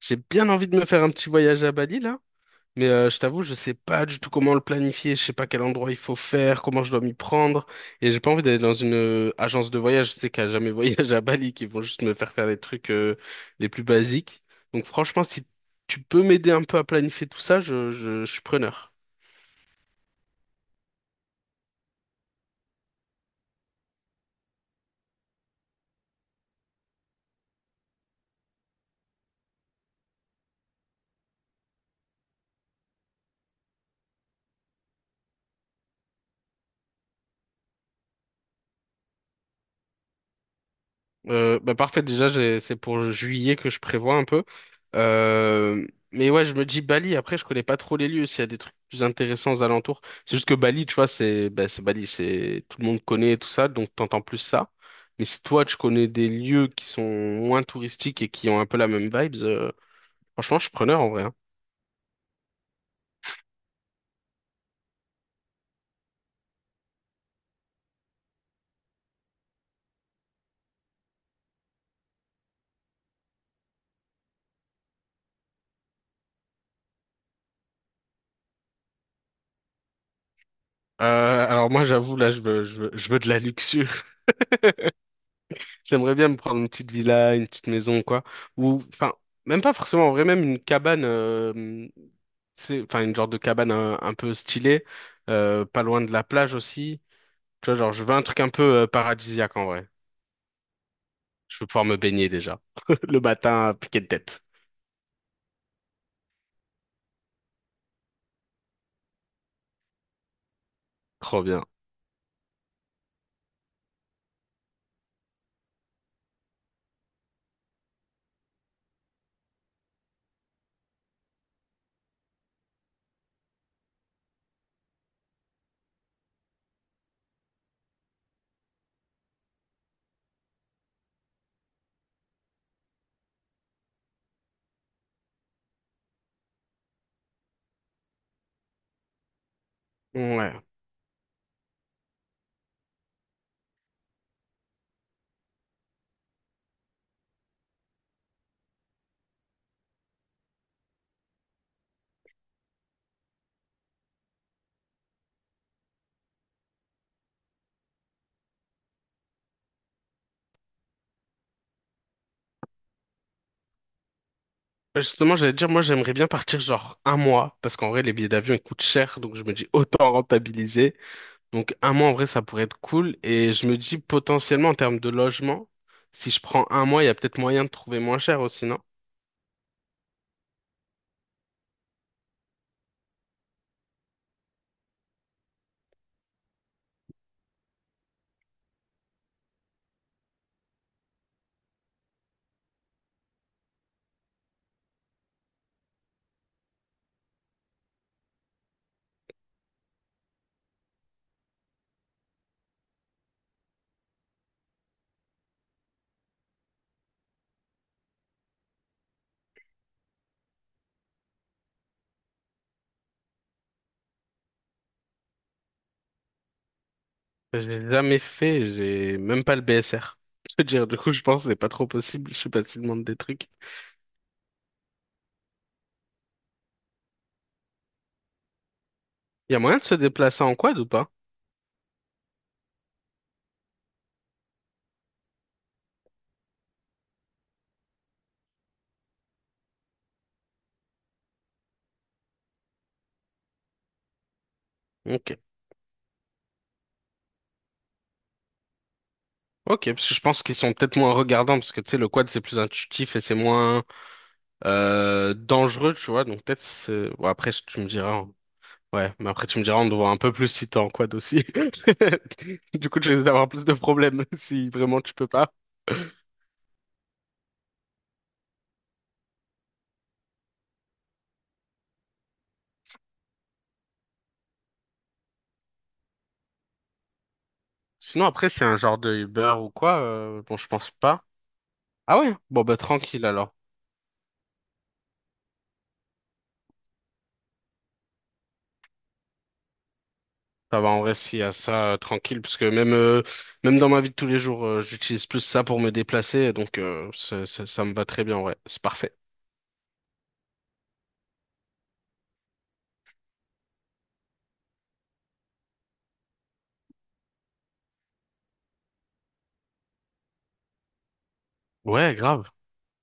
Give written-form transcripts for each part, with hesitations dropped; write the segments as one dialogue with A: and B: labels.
A: J'ai bien envie de me faire un petit voyage à Bali là, mais je t'avoue, je sais pas du tout comment le planifier, je sais pas quel endroit il faut faire, comment je dois m'y prendre, et j'ai pas envie d'aller dans une agence de voyage, je sais qu'à jamais voyage à Bali, qui vont juste me faire faire les trucs les plus basiques. Donc franchement, si tu peux m'aider un peu à planifier tout ça, je suis preneur. Bah parfait, déjà, c'est pour juillet que je prévois un peu. Mais ouais, je me dis Bali, après, je connais pas trop les lieux, s'il y a des trucs plus intéressants aux alentours. C'est juste que Bali, tu vois, c'est bah, c'est Bali, c'est tout le monde connaît et tout ça, donc t'entends plus ça. Mais si toi, tu connais des lieux qui sont moins touristiques et qui ont un peu la même vibes, franchement, je suis preneur en vrai, hein. Alors moi, j'avoue, là, je veux de la luxure. J'aimerais bien me prendre une petite villa, une petite maison, quoi. Ou, enfin, même pas forcément en vrai, même une cabane. C'est enfin une genre de cabane un peu stylée, pas loin de la plage aussi. Tu vois, genre, je veux un truc un peu paradisiaque en vrai. Je veux pouvoir me baigner déjà. Le matin, à piquer de tête. Trop bien. Ouais. Bah, justement, j'allais te dire, moi, j'aimerais bien partir genre un mois, parce qu'en vrai, les billets d'avion, ils coûtent cher, donc je me dis autant rentabiliser. Donc, un mois, en vrai, ça pourrait être cool. Et je me dis potentiellement, en termes de logement, si je prends un mois, il y a peut-être moyen de trouver moins cher aussi, non? J'ai jamais fait, j'ai même pas le BSR. Je veux dire, du coup, je pense que c'est pas trop possible. Je sais pas s'ils demandent des trucs. Il y a moyen de se déplacer en quad ou pas? Ok. Ok, parce que je pense qu'ils sont peut-être moins regardants, parce que tu sais, le quad c'est plus intuitif et c'est moins dangereux, tu vois. Donc peut-être bon, après si tu me diras, hein. Ouais, mais après tu me diras, on te voit un peu plus si t'es en quad aussi. Du coup, tu risques d'avoir plus de problèmes si vraiment tu peux pas. Sinon, après, c'est un genre de Uber ou quoi? Bon je pense pas. Ah ouais? Bon, bah tranquille alors. Ça va en vrai s'il y a ça tranquille parce que même même dans ma vie de tous les jours j'utilise plus ça pour me déplacer donc ça me va très bien, ouais, c'est parfait. Ouais grave.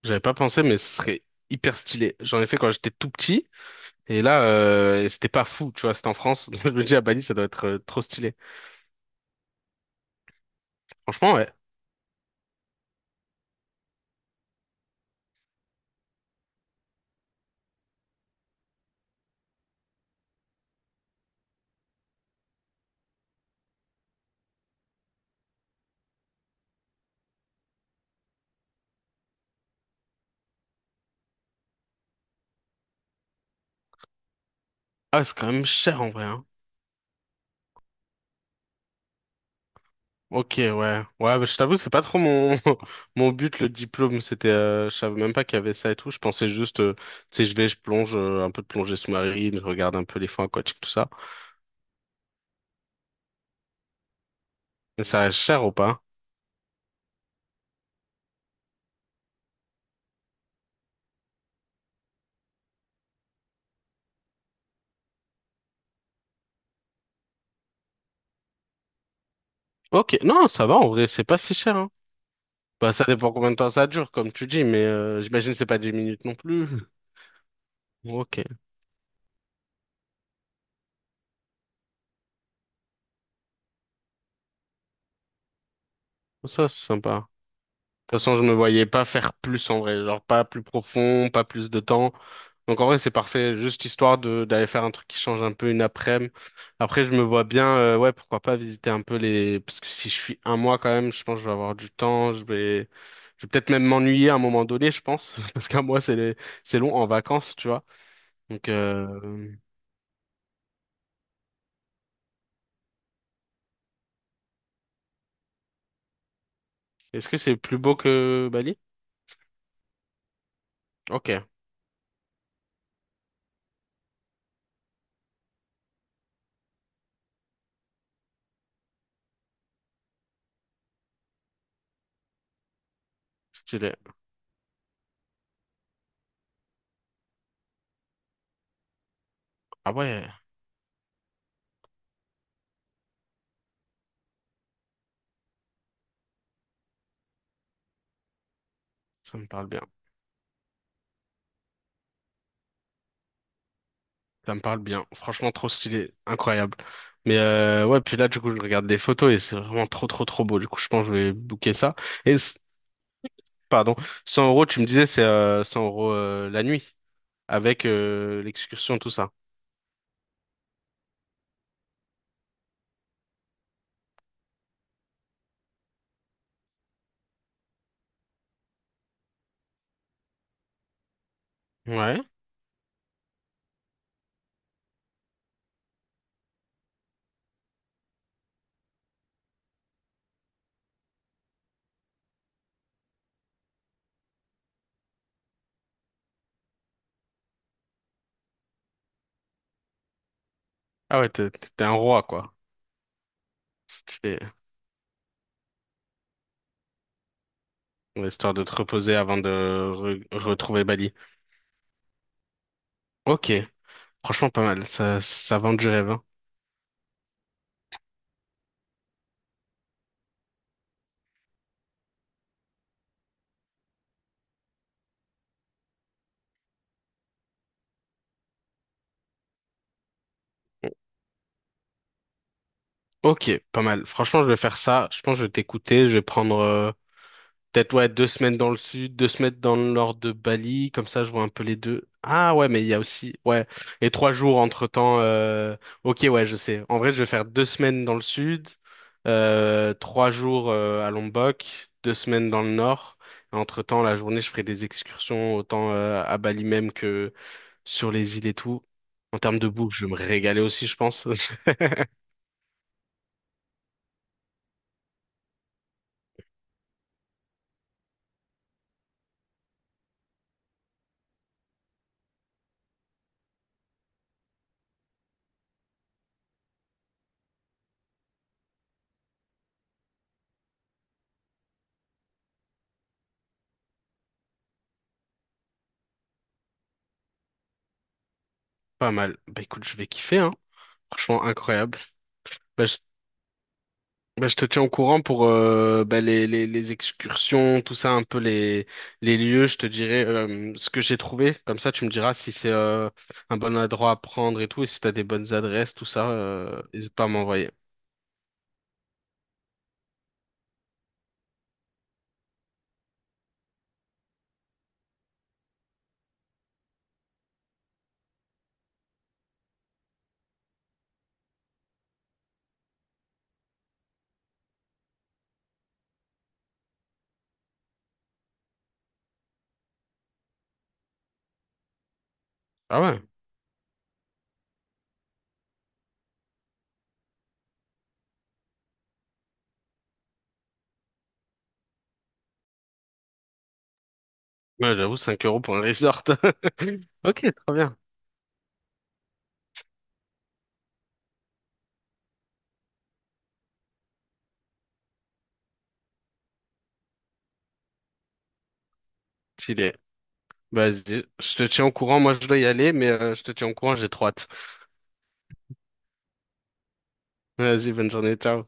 A: J'avais pas pensé mais ce serait hyper stylé, j'en ai fait quand j'étais tout petit et là et c'était pas fou tu vois, c'était en France. Je me dis à Bali ça doit être trop stylé. Franchement ouais. Ah c'est quand même cher en vrai, hein. Ok, ouais. Ouais, bah, je t'avoue, c'est pas trop mon mon but le diplôme. C'était, je savais même pas qu'il y avait ça et tout. Je pensais juste, tu sais, je vais, je plonge un peu de plongée sous-marine, je regarde un peu les fonds aquatiques, tout ça. Mais ça reste cher ou pas? Ok, non, ça va en vrai, c'est pas si cher, hein. Bah, ça dépend combien de temps ça dure, comme tu dis, mais j'imagine que c'est pas 10 minutes non plus. Ok, ça c'est sympa. Toute façon, je me voyais pas faire plus en vrai, genre pas plus profond, pas plus de temps. Donc en vrai, c'est parfait, juste histoire de d'aller faire un truc qui change un peu une après-midi. Après, je me vois bien, ouais, pourquoi pas visiter un peu les, parce que si je suis un mois quand même, je pense que je vais avoir du temps, je vais peut-être même m'ennuyer à un moment donné, je pense, parce qu'un mois c'est long en vacances, tu vois. Donc, est-ce que c'est plus beau que Bali? Ok, stylé. Ah ouais, ça me parle bien. Ça me parle bien. Franchement, trop stylé. Incroyable. Mais ouais, puis là, du coup, je regarde des photos et c'est vraiment trop beau. Du coup, je pense que je vais booker ça. Et, pardon, 100 euros, tu me disais, c'est 100 euros la nuit, avec l'excursion, tout ça. Ouais. Ah ouais, t'es un roi, quoi. Stylé. Ouais, histoire de te reposer avant de retrouver Bali. Ok. Franchement, pas mal. Ça vend du rêve, hein. Ok, pas mal. Franchement, je vais faire ça. Je pense que je vais t'écouter. Je vais prendre... peut-être, ouais, 2 semaines dans le sud, 2 semaines dans le nord de Bali, comme ça je vois un peu les deux. Ah ouais, mais il y a aussi, ouais, et 3 jours entre-temps. Ok, ouais, je sais. En vrai, je vais faire 2 semaines dans le sud, 3 jours à Lombok, 2 semaines dans le nord. Et entre-temps, la journée, je ferai des excursions autant à Bali même que sur les îles et tout. En termes de bouffe, je vais me régaler aussi, je pense. Pas mal. Bah écoute, je vais kiffer, hein. Franchement, incroyable. Bah, je ben, je te tiens au courant pour ben, les excursions, tout ça, un peu les lieux. Je te dirai ce que j'ai trouvé. Comme ça, tu me diras si c'est un bon endroit à prendre et tout, et si t'as des bonnes adresses, tout ça, n'hésite pas à m'envoyer. Ah ouais? Ouais, j'avoue, 5 € pour un resort. Ok, trop bien. Stylé. Vas-y, je te tiens au courant. Moi, je dois y aller, mais je te tiens au courant, j'ai trop hâte. Vas-y, bonne journée, ciao.